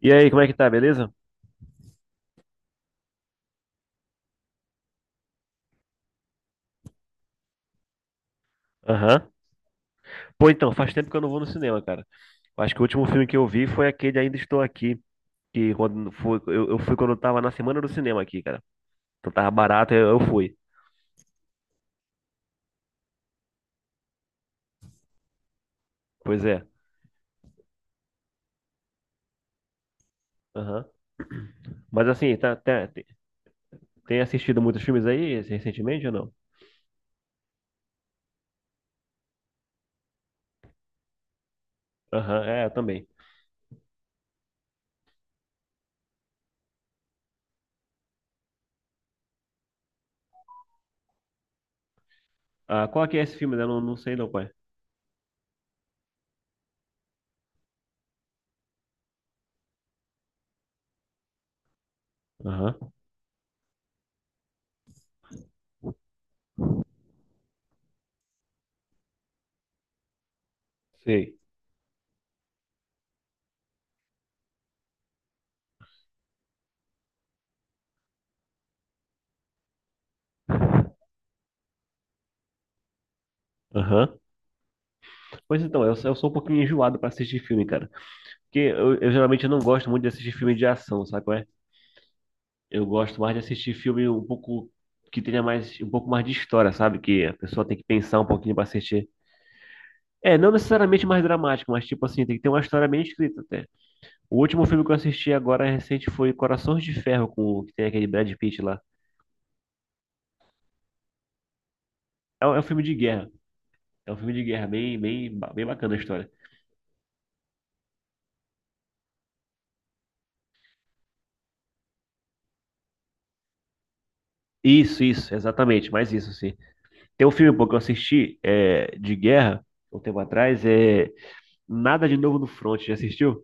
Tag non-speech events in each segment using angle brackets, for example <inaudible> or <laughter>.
E aí, como é que tá, beleza? Aham. Pô, então, faz tempo que eu não vou no cinema, cara. Eu acho que o último filme que eu vi foi aquele Ainda Estou Aqui, que quando foi, eu fui quando eu tava na semana do cinema aqui, cara. Então tava barato, eu fui. Pois é. Aham. Mas assim, tem assistido muitos filmes aí recentemente ou não? Aham, é, eu também. Ah, qual que é esse filme? Né? Eu não sei não, pai. Aham. Sei. Aham. Pois então, eu sou um pouquinho enjoado pra assistir filme, cara. Porque eu geralmente não gosto muito de assistir filme de ação, sabe? Eu gosto mais de assistir filme um pouco que tenha mais um pouco mais de história, sabe? Que a pessoa tem que pensar um pouquinho pra assistir. É, não necessariamente mais dramático, mas tipo assim, tem que ter uma história bem escrita até. O último filme que eu assisti agora recente foi Corações de Ferro, que tem aquele Brad Pitt lá. É um filme de guerra. É um filme de guerra, bem bacana a história. Isso, exatamente, mais isso, sim. Tem um filme pô, que eu assisti é, de guerra, um tempo atrás, é Nada de Novo no Front, já assistiu?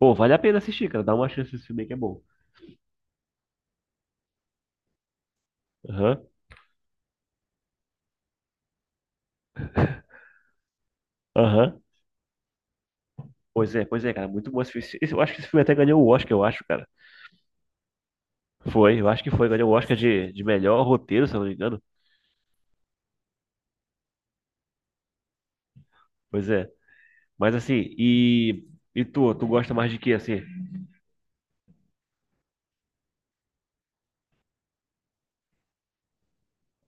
Pô, vale a pena assistir, cara, dá uma chance esse filme aí que é bom. Aham, aham. Pois é, cara, muito bom esse filme. Eu acho que esse filme até ganhou o Oscar, eu acho, cara. Foi, eu acho que foi, ganhou o Oscar de melhor roteiro, se eu não me engano. Pois é. Mas assim, e tu, tu gosta mais de quê, assim?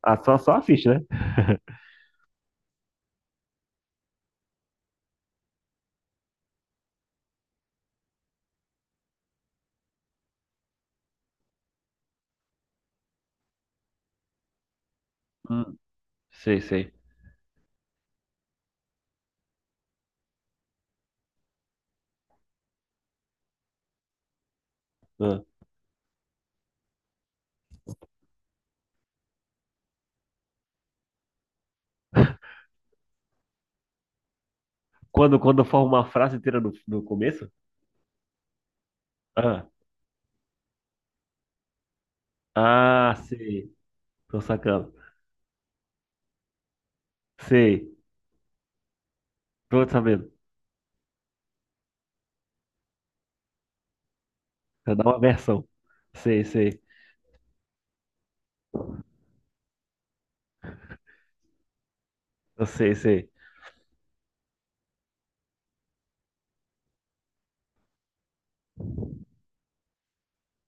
Ah, só, só a ficha, né? Hum, sei, sei. Ah. Quando, quando forma uma frase inteira no começo? Ah, ah, sei. Tô sacando. Sei. Tô sabendo. Pra dar uma versão. Sei, sei. Eu sei, sei.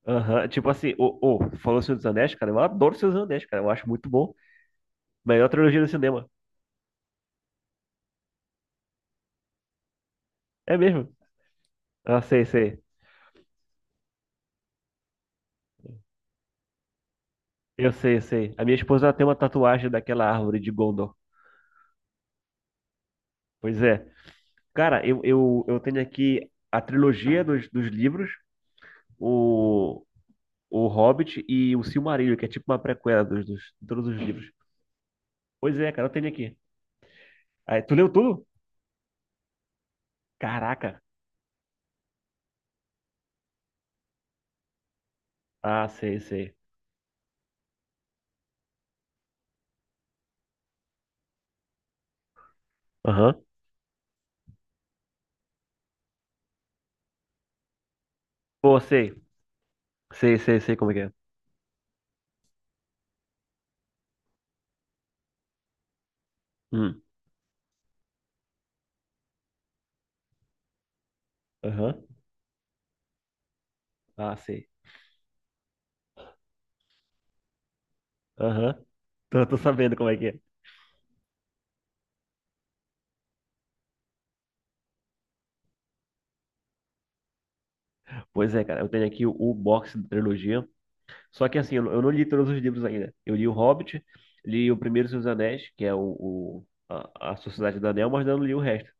Aham, tipo assim, ô, ô, falou Senhor dos Anéis, cara, eu adoro Senhor dos Anéis, cara, eu acho muito bom. Melhor trilogia do cinema. É mesmo? Ah, sei, sei. Eu sei, eu sei. A minha esposa ela tem uma tatuagem daquela árvore de Gondor. Pois é. Cara, eu tenho aqui a trilogia dos livros, o, o Hobbit e o Silmarillion, que é tipo uma prequela de todos os livros. Pois é, cara, eu tenho aqui. Aí, tu leu tudo? Caraca. Ah, sei, sei. Aham. Pô, sei. Sei, sei, sei como é que é. Hum. Aham. Ah, sei. Aham. Tô, tô sabendo como é que é. Pois é, cara, eu tenho aqui o box da trilogia. Só que assim, eu não li todos os livros ainda. Eu li O Hobbit, li o Primeiro Senhor dos Anéis, que é a Sociedade do Anel, mas não li o resto.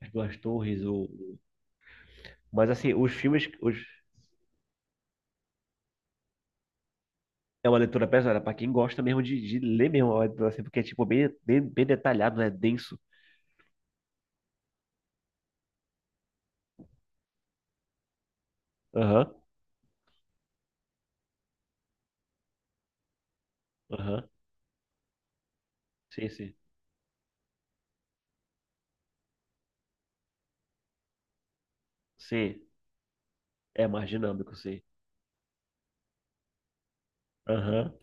As Duas Torres, Mas assim, Os... É uma leitura pesada, para quem gosta mesmo de ler mesmo, é uma leitura, assim, porque é tipo bem detalhado, né? Denso. Aham, aham. Sim, sim. Sim, é mais dinâmico, sim. Aham.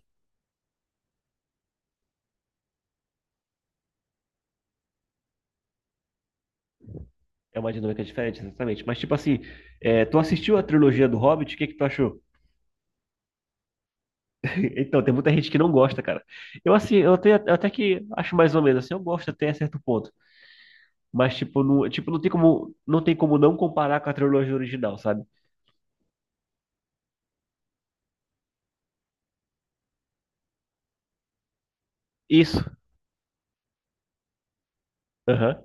É uma dinâmica diferente, exatamente. Mas tipo assim, é, tu assistiu a trilogia do Hobbit, o que que tu achou? Então, tem muita gente que não gosta, cara. Eu, assim, até que acho mais ou menos, assim, eu gosto até certo ponto. Mas, tipo, não tem como, não tem como não comparar com a trilogia original, sabe? Isso. Aham.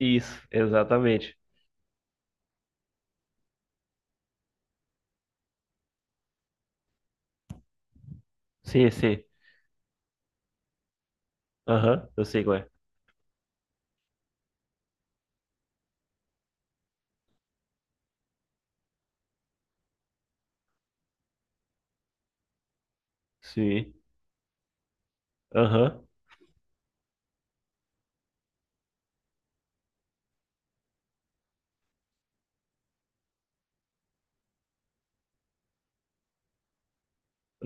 Isso, exatamente. Sim, sim. Aham, eu sei qual é. Sim. Aham,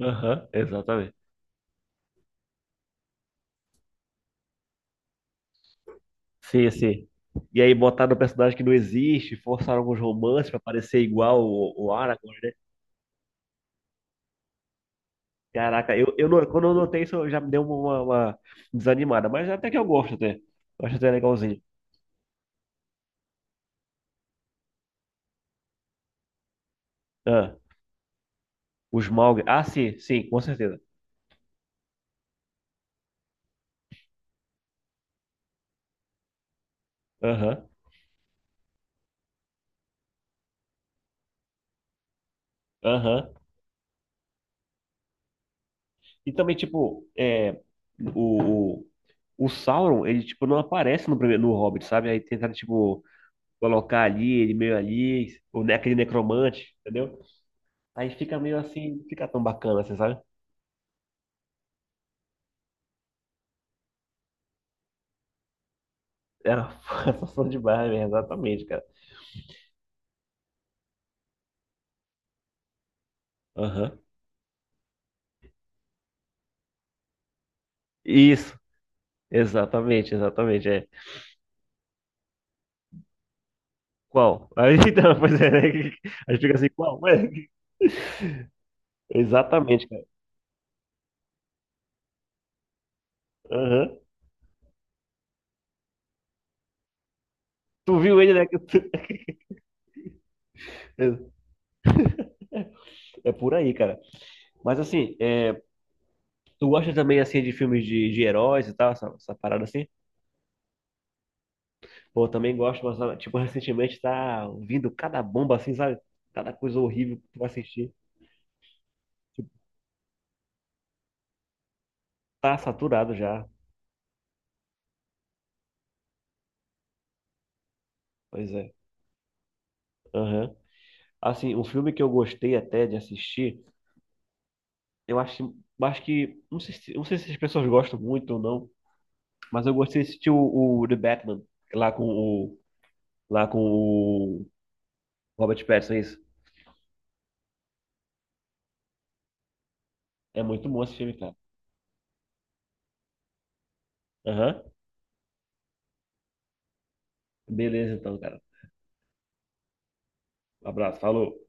aham, exatamente. Sim, sim. E aí botaram um personagem que não existe, forçaram alguns romances pra parecer igual o Aragorn, né? Caraca, eu não- quando eu notei isso, já me deu uma desanimada, mas até que eu gosto até. Eu acho até legalzinho. Ah, os Smaug. Ah, sim, sim, com certeza. Aham, aham. E também, tipo, é, o, o, o Sauron, ele, tipo, não aparece no primeiro, no Hobbit, sabe? Aí tentaram, tipo, colocar ali, ele meio ali, aquele necromante, entendeu? Aí fica meio assim, não fica tão bacana, assim, sabe? Era <laughs> forçação de barra, mesmo, exatamente, cara. Aham. Isso, exatamente, exatamente, é. Qual? Aí, <laughs> então, pois é, né? A gente fica assim, qual? <laughs> Ué, exatamente, cara. Aham. Tu viu ele, né? <laughs> É por aí, cara. Mas assim, é, tu gosta também assim de filmes de heróis e tal, essa parada assim? Pô, eu também gosto, mas ah, tipo, recentemente tá vindo cada bomba assim, sabe? Cada coisa horrível que tu vai assistir. Tá saturado já. Pois é. Aham. Assim, um filme que eu gostei até de assistir, eu acho, acho que, não sei, não sei se as pessoas gostam muito ou não, mas eu gostei de assistir o The Batman, lá com o, lá com o Robert Pattinson, é isso. É muito bom esse filme, cara. Aham. Beleza, então, cara. Um abraço, falou.